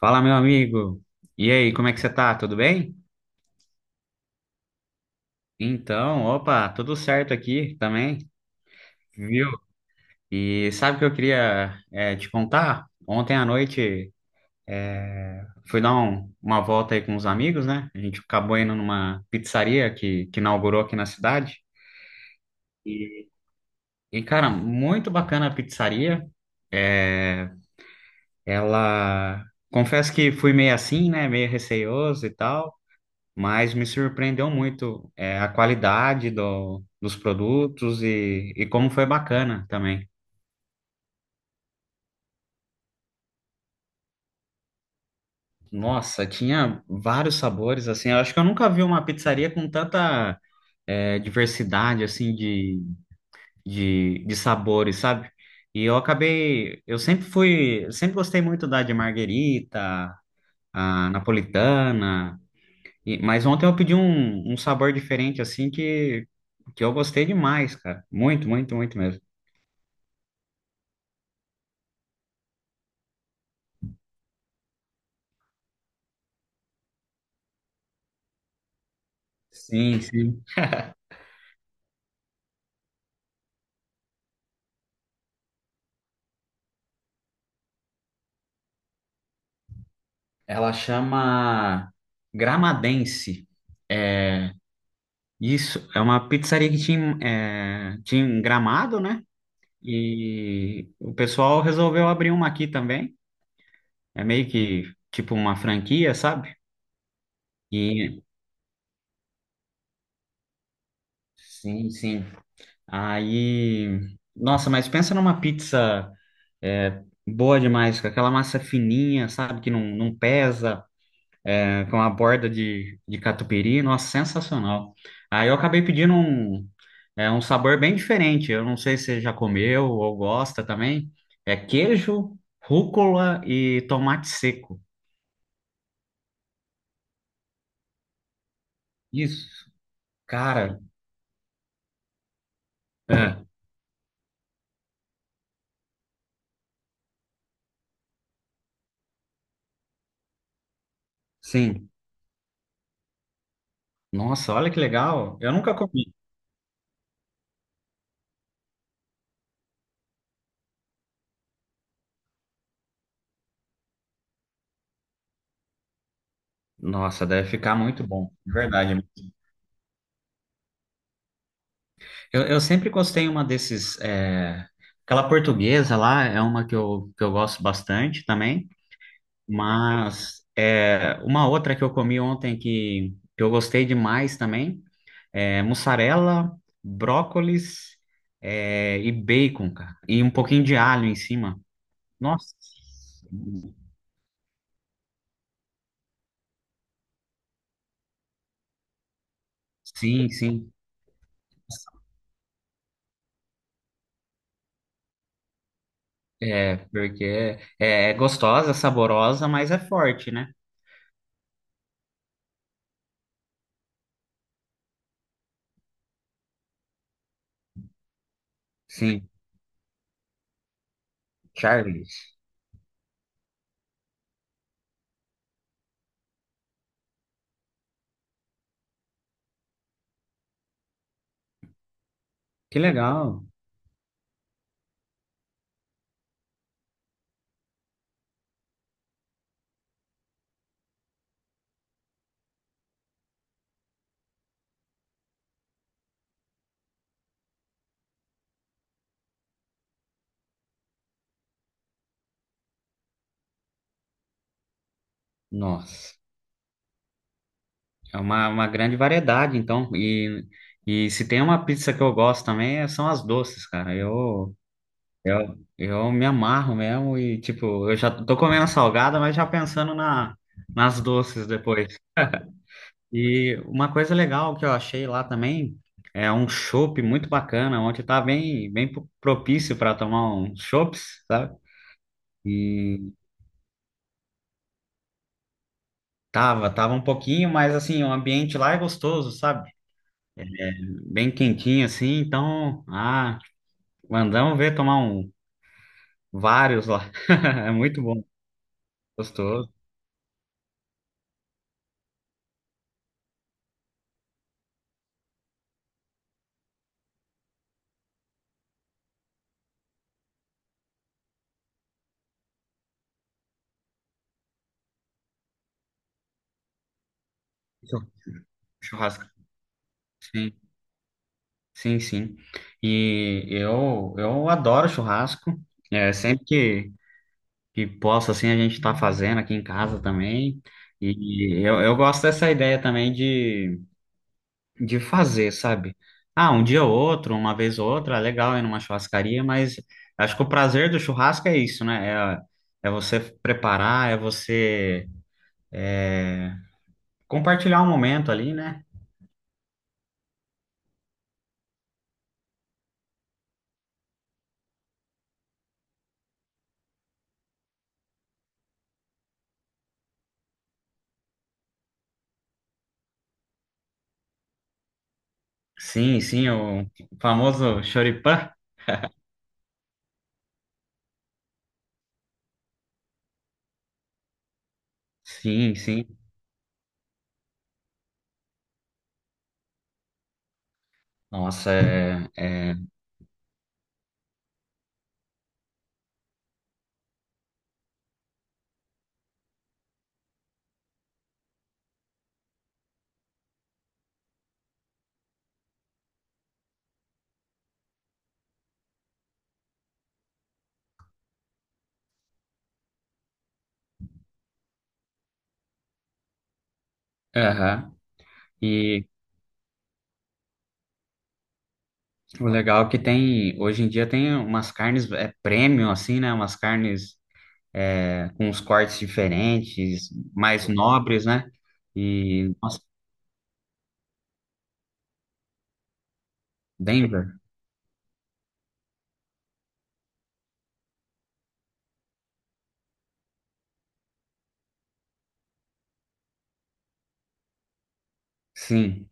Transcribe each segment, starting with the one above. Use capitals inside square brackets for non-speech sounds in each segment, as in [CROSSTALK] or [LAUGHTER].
Fala, meu amigo. E aí, como é que você tá? Tudo bem? Então, opa, tudo certo aqui também, viu? E sabe o que eu queria te contar? Ontem à noite fui dar uma volta aí com os amigos, né? A gente acabou indo numa pizzaria que inaugurou aqui na cidade. E, e cara, muito bacana a pizzaria. É, ela. Confesso que fui meio assim, né? Meio receioso e tal. Mas me surpreendeu muito a qualidade dos produtos e como foi bacana também. Nossa, tinha vários sabores, assim, eu acho que eu nunca vi uma pizzaria com tanta diversidade, assim, de sabores, sabe? E eu acabei, eu sempre fui, eu sempre gostei muito da de marguerita, a napolitana, mas ontem eu pedi um sabor diferente, assim, que eu gostei demais, cara, muito, muito, muito mesmo. Sim, sim. Ela chama Gramadense. É, isso, é uma pizzaria que tinha, tinha em Gramado, né? E o pessoal resolveu abrir uma aqui também. É meio que tipo uma franquia, sabe? E sim, sim. Aí, nossa, mas pensa numa pizza é, boa demais, com aquela massa fininha, sabe? Que não pesa. Com a borda de catupiry, nossa, sensacional. Aí eu acabei pedindo um sabor bem diferente. Eu não sei se você já comeu ou gosta também. É queijo, rúcula e tomate seco. Isso, cara, é, sim. Nossa, olha que legal. Eu nunca comi. Nossa, deve ficar muito bom, de verdade. Eu sempre gostei uma desses. Aquela portuguesa lá é uma que eu gosto bastante também. Mas é, uma outra que eu comi ontem que eu gostei demais também é mussarela, brócolis e bacon, cara. E um pouquinho de alho em cima. Nossa, sim, sim. É, porque é gostosa, saborosa, mas é forte, né? Sim, Charles. Que legal. Nossa, é uma grande variedade, então. E se tem uma pizza que eu gosto também, são as doces, cara. Eu me amarro mesmo e, tipo, eu já tô comendo salgada, mas já pensando nas doces depois. E uma coisa legal que eu achei lá também é um chopp muito bacana, onde tá bem, propício para tomar uns chopps, sabe? E tava, tava um pouquinho, mas assim, o ambiente lá é gostoso, sabe? Bem quentinho assim, então, ah, mandamos ver tomar um, vários lá. [LAUGHS] É muito bom, gostoso. Churrasco. Sim, sim. E eu adoro churrasco. É, sempre que posso, assim, a gente tá fazendo aqui em casa também. E eu gosto dessa ideia também de fazer, sabe? Ah, um dia ou outro, uma vez ou outra, é legal ir numa churrascaria, mas acho que o prazer do churrasco é isso, né? É, é você preparar, é você compartilhar um momento ali, né? Sim, sim, o famoso choripã. Sim, sim. Nossa, é. É aham. E o legal é que tem, hoje em dia tem umas carnes premium, assim, né? Umas carnes com uns cortes diferentes, mais nobres, né? E, nossa, Denver, sim.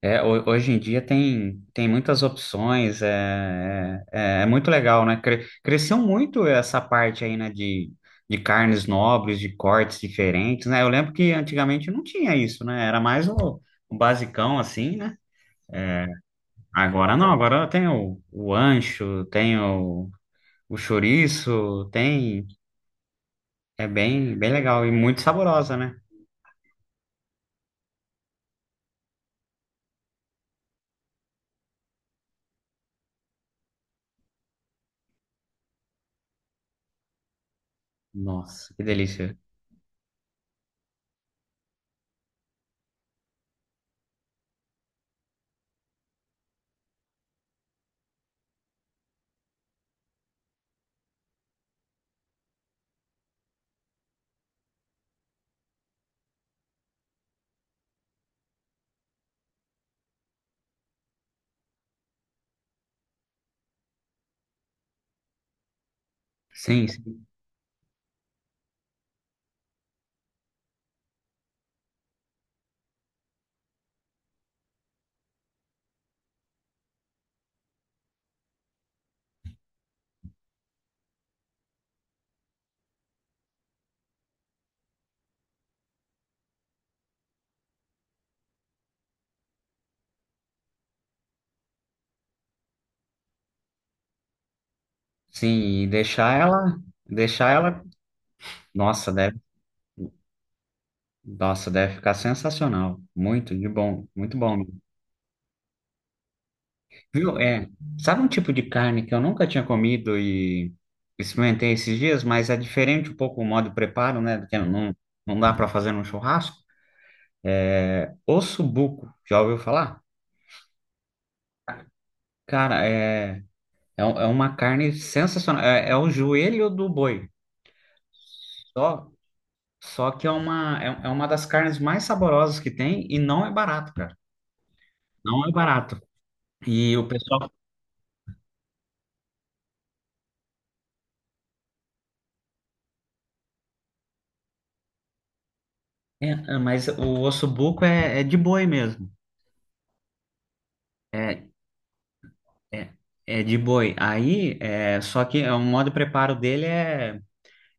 É, hoje em dia tem, tem muitas opções, é muito legal, né? Cresceu muito essa parte aí, né? De carnes nobres, de cortes diferentes, né? Eu lembro que antigamente não tinha isso, né? Era mais o basicão, assim, né? Agora não, agora tem o ancho, tem o chouriço, tem. É bem, bem legal e muito saborosa, né? Nossa, que delícia. Sim, sim. Sim, e deixar ela, nossa, deve, nossa, deve ficar sensacional. Muito de bom, muito bom. Viu? É, sabe um tipo de carne que eu nunca tinha comido e experimentei esses dias, mas é diferente um pouco o modo de preparo, né? Porque não, não dá para fazer num churrasco? Ossobuco, já ouviu falar? Cara, é uma carne sensacional. É, é o joelho do boi. Só, só que é uma, é uma das carnes mais saborosas que tem e não é barato, cara. Não é barato. E o pessoal. É, é, mas o ossobuco é, é de boi mesmo. É, é, é de boi. Aí, é, só que é, o modo de preparo dele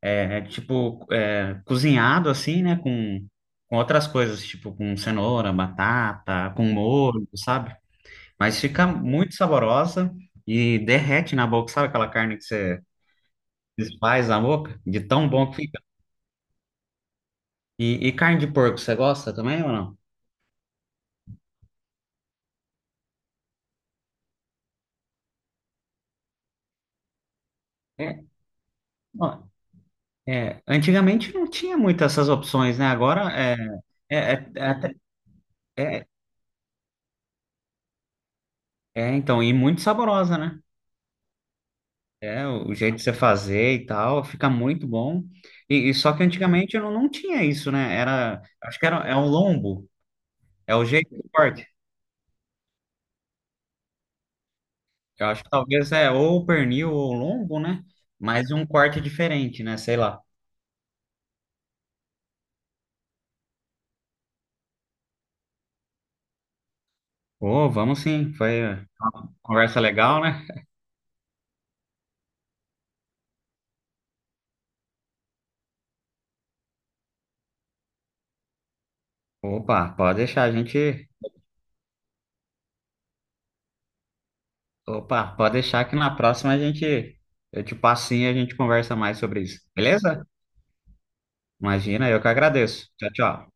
é, é tipo cozinhado assim, né? Com outras coisas, tipo com cenoura, batata, com molho, sabe? Mas fica muito saborosa e derrete na boca. Sabe aquela carne que você desfaz na boca? De tão bom que fica. E carne de porco, você gosta também ou não? É, ó, é, antigamente não tinha muitas essas opções, né? Agora é, é, é até- é- então, e muito saborosa, né? É, o jeito de você fazer e tal, fica muito bom. E só que antigamente não tinha isso, né? Era, acho que era, é um lombo, é o jeito do corte. Eu acho que talvez é ou o pernil ou o lombo, né? Mas um corte diferente, né? Sei lá. Ô, vamos sim. Foi conversa legal, né? Opa, pode deixar a gente. Opa, pode deixar que na próxima a gente. Eu te passo sim e a gente conversa mais sobre isso. Beleza? Imagina, eu que agradeço. Tchau, tchau.